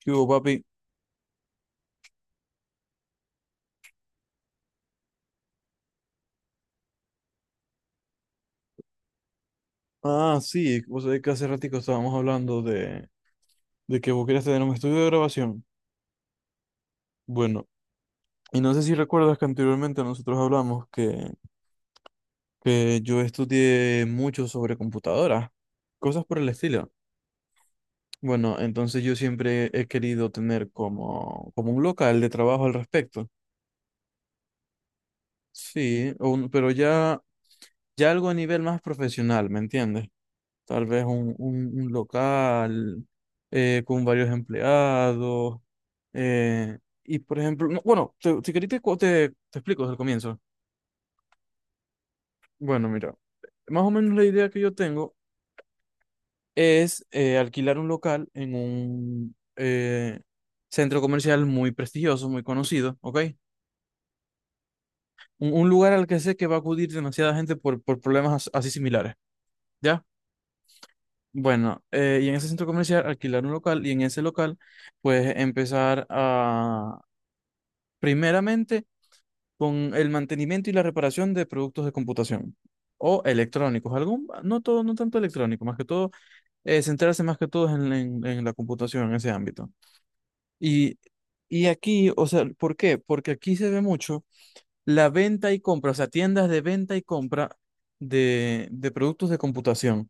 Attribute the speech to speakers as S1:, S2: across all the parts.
S1: ¿Qué hubo, papi? Ah, sí, vos sabés que hace ratico estábamos hablando de que vos querías tener un estudio de grabación. Bueno, y no sé si recuerdas que anteriormente nosotros hablamos que yo estudié mucho sobre computadoras, cosas por el estilo. Bueno, entonces yo siempre he querido tener como, como un local de trabajo al respecto. Sí, pero ya, ya algo a nivel más profesional, ¿me entiendes? Tal vez un, un local con varios empleados. eh, y por ejemplo, no, bueno, si querés te explico desde el comienzo. Bueno, mira, más o menos la idea que yo tengo es alquilar un local en un centro comercial muy prestigioso, muy conocido, ¿ok? Un lugar al que sé que va a acudir demasiada gente por problemas así similares, ¿ya? Bueno, y en ese centro comercial alquilar un local y en ese local pues empezar a, primeramente con el mantenimiento y la reparación de productos de computación o electrónicos, algún, no todo, no tanto electrónico, más que todo centrarse más que todo en, en la computación en ese ámbito. Y, y aquí, o sea, ¿por qué? Porque aquí se ve mucho la venta y compra, o sea, tiendas de venta y compra de productos de computación,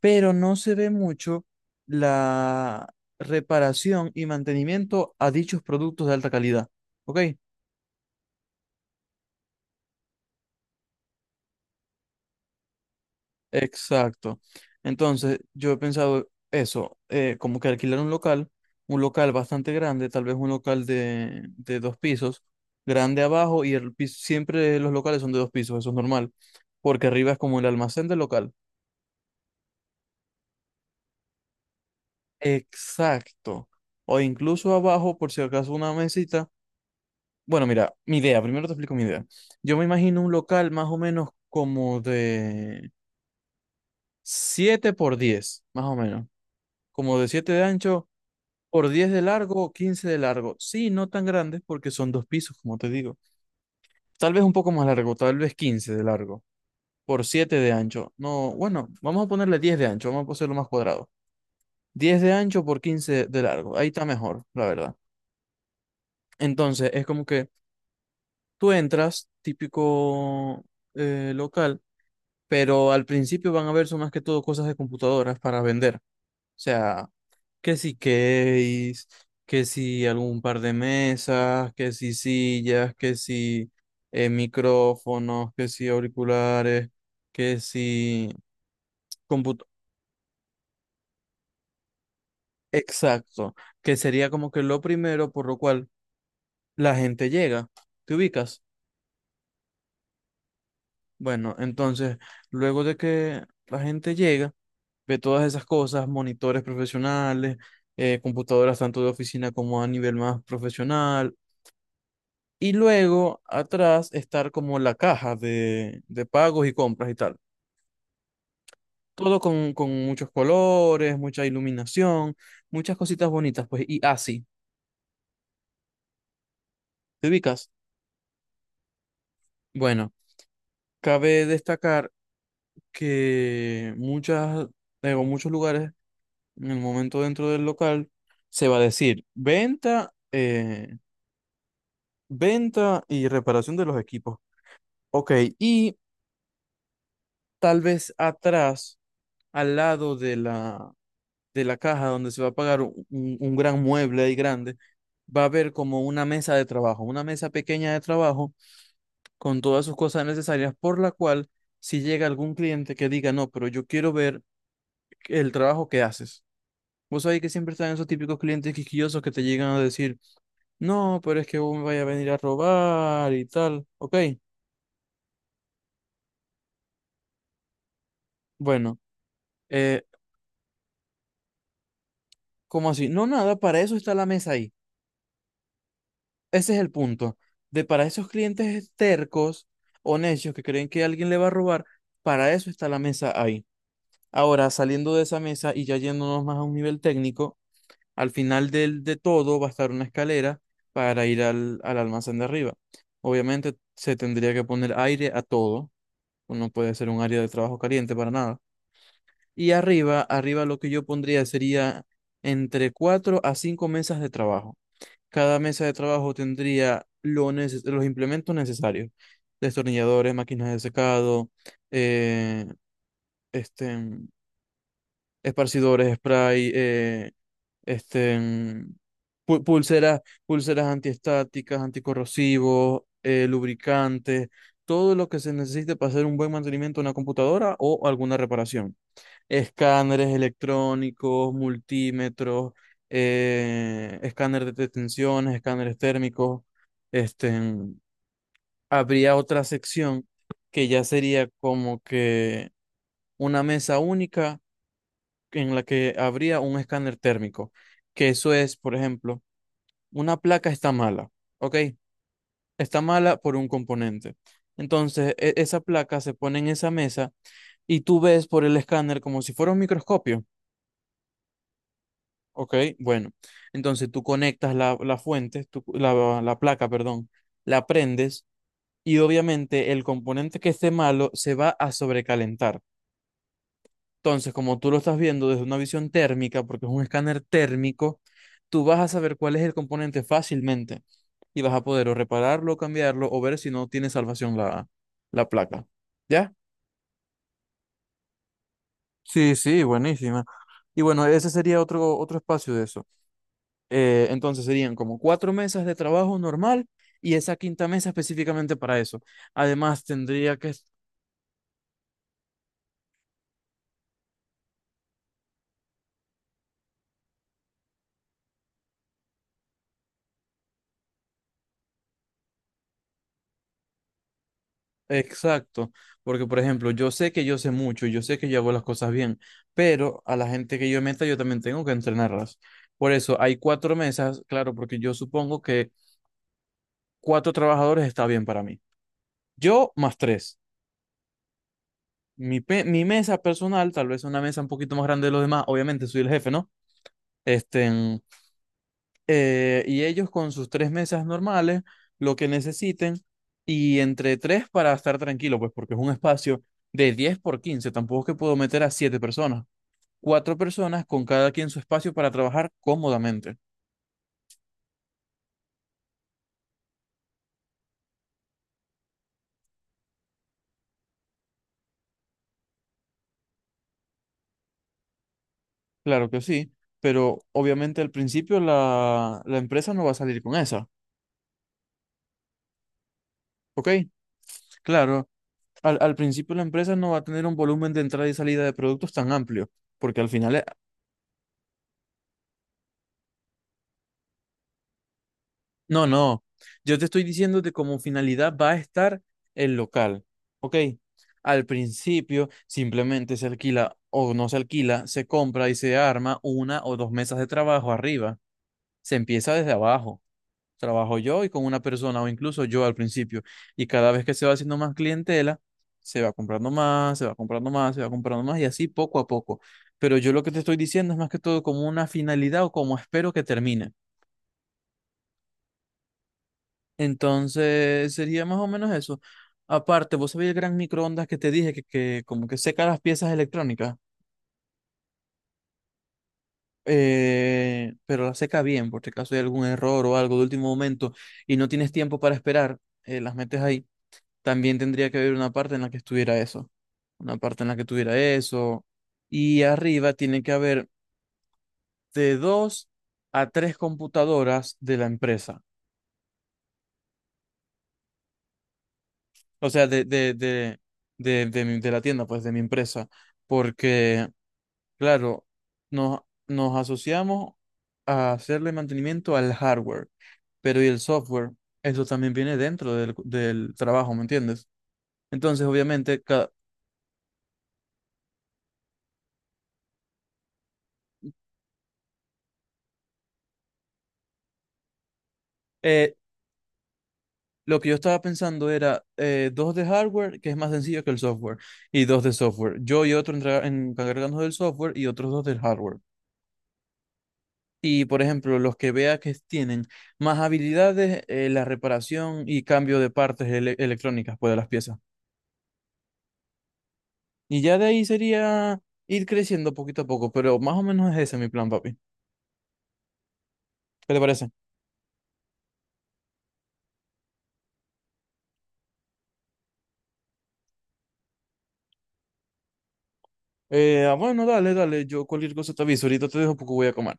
S1: pero no se ve mucho la reparación y mantenimiento a dichos productos de alta calidad. ¿Ok? Exacto. Entonces, yo he pensado eso, como que alquilar un local bastante grande, tal vez un local de dos pisos, grande abajo y el piso, siempre los locales son de dos pisos, eso es normal, porque arriba es como el almacén del local. Exacto. O incluso abajo, por si acaso, una mesita. Bueno, mira, mi idea, primero te explico mi idea. Yo me imagino un local más o menos como de 7 por 10, más o menos. Como de siete de ancho por diez de largo, 15 de largo. Sí, no tan grandes porque son dos pisos, como te digo. Tal vez un poco más largo, tal vez 15 de largo, por 7 de ancho. No, bueno, vamos a ponerle 10 de ancho, vamos a hacerlo más cuadrado. 10 de ancho por quince de largo. Ahí está mejor, la verdad. Entonces, es como que tú entras, típico local, pero al principio van a ver son más que todo cosas de computadoras para vender. O sea, que si case, que si algún par de mesas, que si sillas, que si micrófonos, que si auriculares, que si comput- exacto, que sería como que lo primero por lo cual la gente llega. ¿Te ubicas? Bueno, entonces, luego de que la gente llega, ve todas esas cosas, monitores profesionales, computadoras tanto de oficina como a nivel más profesional, y luego atrás estar como la caja de pagos y compras y tal. Todo con muchos colores, mucha iluminación, muchas cositas bonitas, pues, y así, ¿te ubicas? Bueno, cabe destacar que muchas, digo, muchos lugares en el momento dentro del local, se va a decir venta, venta y reparación de los equipos. Ok, y tal vez atrás, al lado de la caja donde se va a pagar un gran mueble ahí grande, va a haber como una mesa de trabajo, una mesa pequeña de trabajo con todas sus cosas necesarias, por la cual si llega algún cliente que diga, no, pero yo quiero ver el trabajo que haces. Vos sabés que siempre están esos típicos clientes quisquillosos que te llegan a decir, no, pero es que vos me vaya a venir a robar y tal. Ok, bueno, eh, ¿cómo así? No, nada, para eso está la mesa ahí. Ese es el punto. De para esos clientes tercos o necios que creen que alguien le va a robar, para eso está la mesa ahí. Ahora, saliendo de esa mesa y ya yéndonos más a un nivel técnico, al final del, de todo va a estar una escalera para ir al, al almacén de arriba. Obviamente se tendría que poner aire a todo. No puede ser un área de trabajo caliente para nada. Y arriba, arriba lo que yo pondría sería entre 4 a 5 mesas de trabajo. Cada mesa de trabajo tendría lo los implementos necesarios. Destornilladores, máquinas de secado, eh, este, esparcidores, spray, este, mm, pulseras, pulseras antiestáticas, anticorrosivos, lubricantes, todo lo que se necesite para hacer un buen mantenimiento de una computadora o alguna reparación. Escáneres electrónicos, multímetros, escáner de tensiones, escáneres térmicos. Este, mm, Habría otra sección que ya sería como que una mesa única en la que habría un escáner térmico, que eso es, por ejemplo, una placa está mala, ¿ok? Está mala por un componente. Entonces, esa placa se pone en esa mesa y tú ves por el escáner como si fuera un microscopio, ¿ok? Bueno, entonces tú conectas la, la fuente, la, la placa, perdón, la prendes y obviamente el componente que esté malo se va a sobrecalentar. Entonces, como tú lo estás viendo desde una visión térmica, porque es un escáner térmico, tú vas a saber cuál es el componente fácilmente y vas a poder o repararlo, cambiarlo o ver si no tiene salvación la, la placa. ¿Ya? Sí, sí, buenísima. Y bueno, ese sería otro, otro espacio de eso. Entonces serían como cuatro mesas de trabajo normal y esa quinta mesa específicamente para eso. Además, tendría que... Exacto, porque por ejemplo, yo sé que yo sé mucho, yo sé que yo hago las cosas bien, pero a la gente que yo meta yo también tengo que entrenarlas. Por eso hay cuatro mesas, claro, porque yo supongo que cuatro trabajadores está bien para mí. Yo más tres. Mi, mi mesa personal, tal vez una mesa un poquito más grande de los demás, obviamente soy el jefe, ¿no? Este, y ellos con sus tres mesas normales, lo que necesiten, y entre tres para estar tranquilo, pues porque es un espacio de 10 por 15 tampoco es que puedo meter a siete personas, cuatro personas con cada quien su espacio para trabajar cómodamente. Claro que sí, pero obviamente al principio la, la empresa no va a salir con esa, ¿ok? Claro, al, al principio la empresa no va a tener un volumen de entrada y salida de productos tan amplio, porque al final... No, no. Yo te estoy diciendo que como finalidad va a estar el local. ¿Ok? Al principio simplemente se alquila o no se alquila, se compra y se arma una o dos mesas de trabajo arriba. Se empieza desde abajo. Trabajo yo y con una persona o incluso yo al principio. Y cada vez que se va haciendo más clientela, se va comprando más, se va comprando más, se va comprando más y así poco a poco. Pero yo lo que te estoy diciendo es más que todo como una finalidad o como espero que termine. Entonces sería más o menos eso. Aparte, vos sabés el gran microondas que te dije que como que seca las piezas electrónicas. Pero las seca bien, por si acaso hay algún error o algo de último momento y no tienes tiempo para esperar, las metes ahí. También tendría que haber una parte en la que estuviera eso, una parte en la que tuviera eso. Y arriba tiene que haber de dos a tres computadoras de la empresa, o sea, de, de la tienda, pues de mi empresa. Porque... Claro, nos, nos asociamos a hacerle mantenimiento al hardware, pero y el software, eso también viene dentro del, del trabajo, ¿me entiendes? Entonces, obviamente, cada, eh, lo que yo estaba pensando era dos de hardware, que es más sencillo que el software, y dos de software. Yo y otro encargándonos del software y otros dos del hardware. Y, por ejemplo, los que vea que tienen más habilidades, la reparación y cambio de partes electrónicas, pues, de las piezas. Y ya de ahí sería ir creciendo poquito a poco, pero más o menos es ese mi plan, papi. ¿Qué te parece? Bueno, dale, dale, yo cualquier cosa te aviso, ahorita te dejo porque voy a comer.